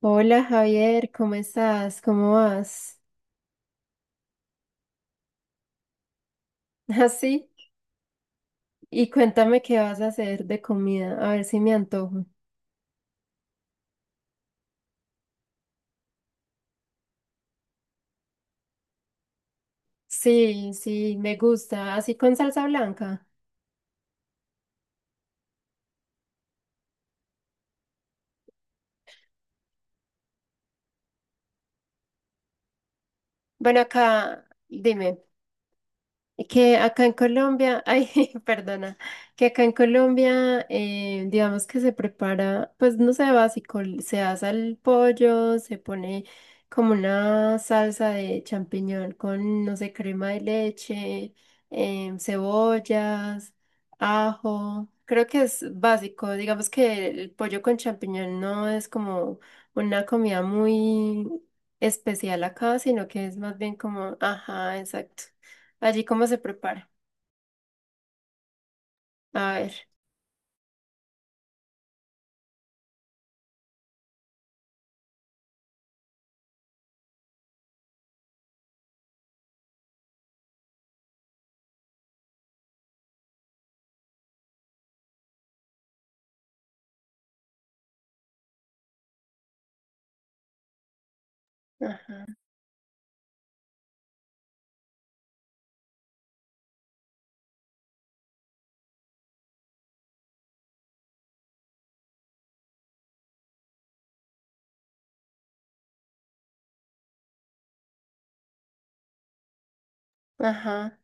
Hola Javier, ¿cómo estás? ¿Cómo vas? Así. Y cuéntame qué vas a hacer de comida, a ver si me antojo. Sí, sí, me gusta, así con salsa blanca. Bueno, acá, dime. Que acá en Colombia, ay, perdona, que acá en Colombia, digamos que se prepara, pues no sé, básico, se asa el pollo, se pone como una salsa de champiñón con, no sé, crema de leche, cebollas, ajo. Creo que es básico, digamos que el pollo con champiñón no es como una comida muy especial acá, sino que es más bien como, ajá, exacto. Allí cómo se prepara. A ver. Ajá. Ajá.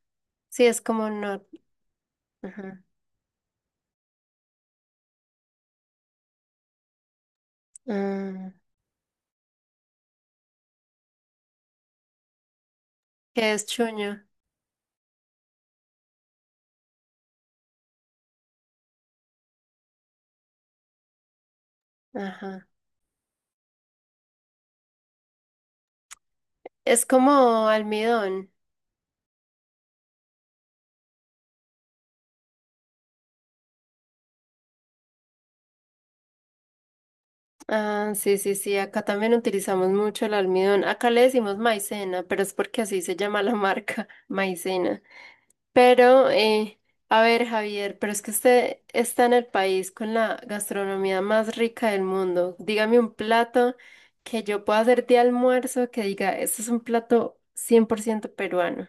Sí, es como no. Ajá. Mm. ¿Qué es chuño? Ajá. Es como almidón. Ah, sí, sí, sí. Acá también utilizamos mucho el almidón. Acá le decimos maicena, pero es porque así se llama la marca, maicena. Pero, a ver, Javier, pero es que usted está en el país con la gastronomía más rica del mundo. Dígame un plato que yo pueda hacer de almuerzo que diga, esto es un plato 100% peruano.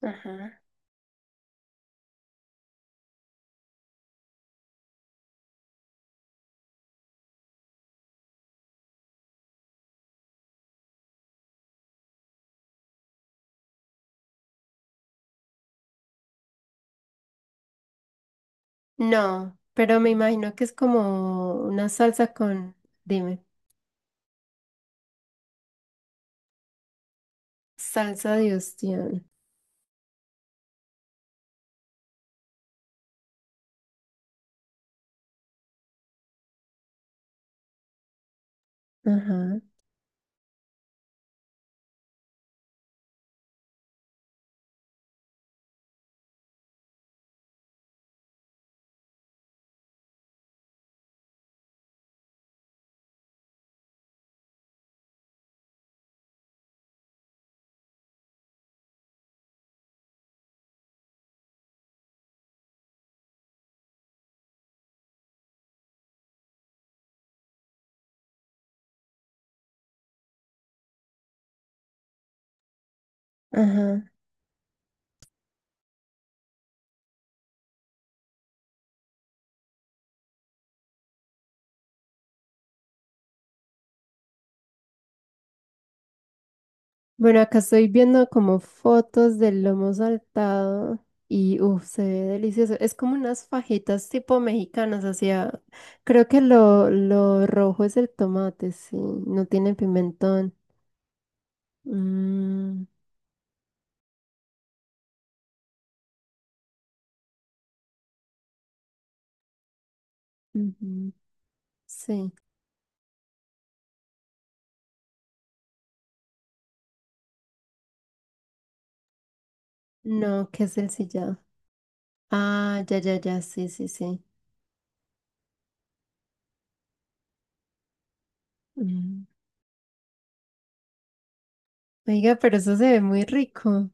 Ajá. No, pero me imagino que es como una salsa con, dime, salsa de ostión. Ajá, ajá. Bueno, acá estoy viendo como fotos del lomo saltado y uff, se ve delicioso. Es como unas fajitas tipo mexicanas, o sea, creo que lo rojo es el tomate, sí, no tiene pimentón. Mm, ujú. Sí, no, que es el sillado. Ah, ya, ya, ya, sí, sí, sí. Mm. Oiga, pero eso se ve muy rico.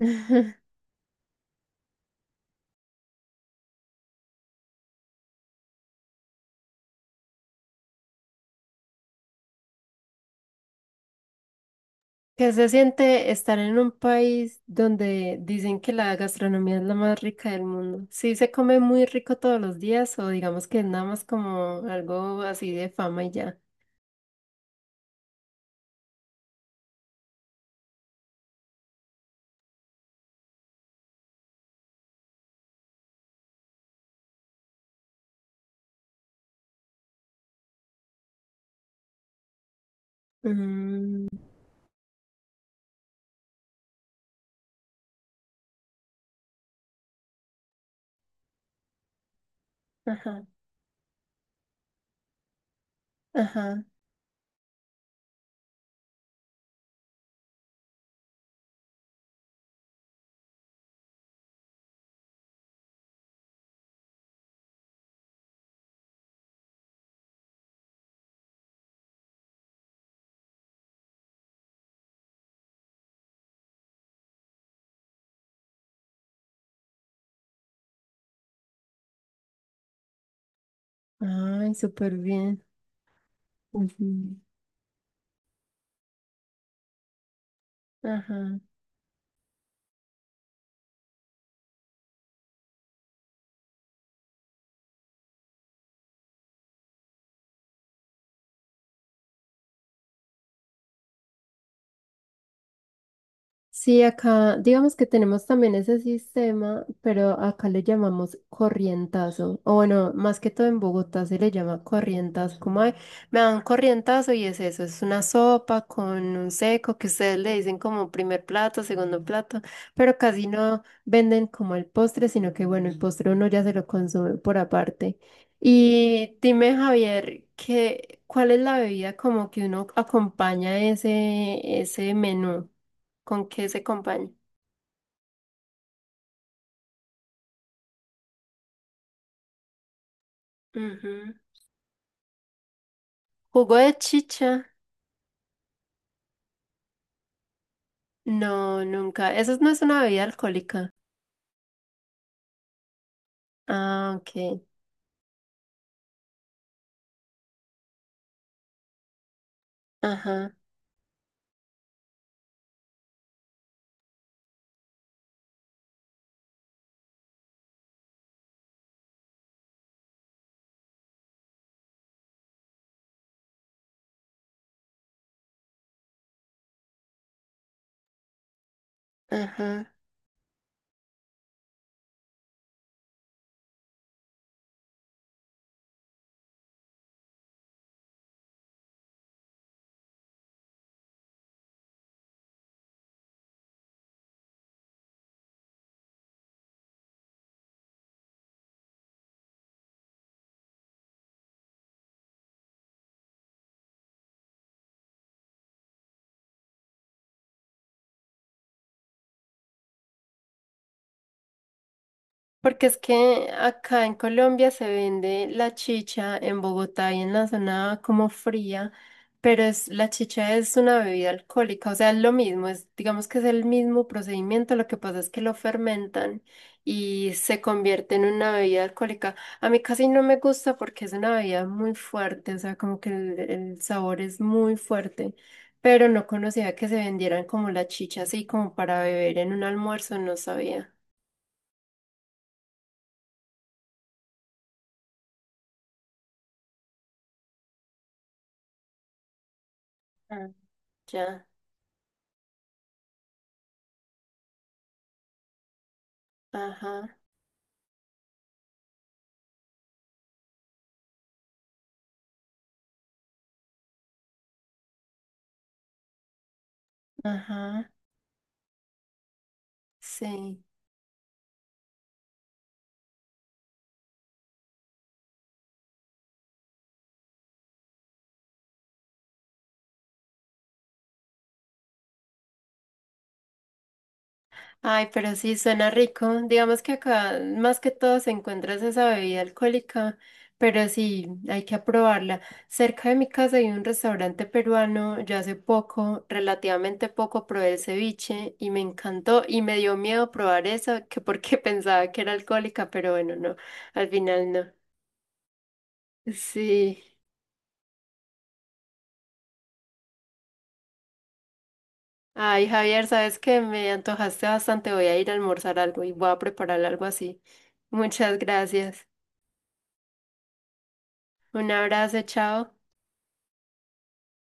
¿Qué se siente estar en un país donde dicen que la gastronomía es la más rica del mundo? ¿Sí se come muy rico todos los días o digamos que es nada más como algo así de fama y ya? Mm, ajá, ajá. Ay, súper bien. Ujú. Ajá. Sí, acá digamos que tenemos también ese sistema, pero acá le llamamos corrientazo. O bueno, más que todo en Bogotá se le llama corrientazo. Como "Ay, me dan corrientazo" y es eso, es una sopa con un seco que ustedes le dicen como primer plato, segundo plato, pero casi no venden como el postre, sino que bueno, el postre uno ya se lo consume por aparte. Y dime, Javier, ¿qué ¿cuál es la bebida como que uno acompaña ese, ese menú? ¿Con qué se acompaña? Ujú. ¿Jugo de chicha? No, nunca. Eso no es una bebida alcohólica. Ah, ok. Ajá, ajá. Porque es que acá en Colombia se vende la chicha en Bogotá y en la zona como fría, pero es, la chicha es una bebida alcohólica, o sea, es lo mismo, es, digamos que es el mismo procedimiento, lo que pasa es que lo fermentan y se convierte en una bebida alcohólica. A mí casi no me gusta porque es una bebida muy fuerte, o sea, como que el sabor es muy fuerte, pero no conocía que se vendieran como la chicha así como para beber en un almuerzo, no sabía. Mm. Ya. Ajá, ajá, sí. Ay, pero sí, suena rico. Digamos que acá más que todo se encuentra es esa bebida alcohólica, pero sí, hay que aprobarla. Cerca de mi casa hay un restaurante peruano, yo hace poco, relativamente poco, probé el ceviche y me encantó y me dio miedo probar eso, que porque pensaba que era alcohólica, pero bueno, no, al final no. Sí. Ay, Javier, sabes que me antojaste bastante. Voy a ir a almorzar algo y voy a preparar algo así. Muchas gracias. Un abrazo, chao.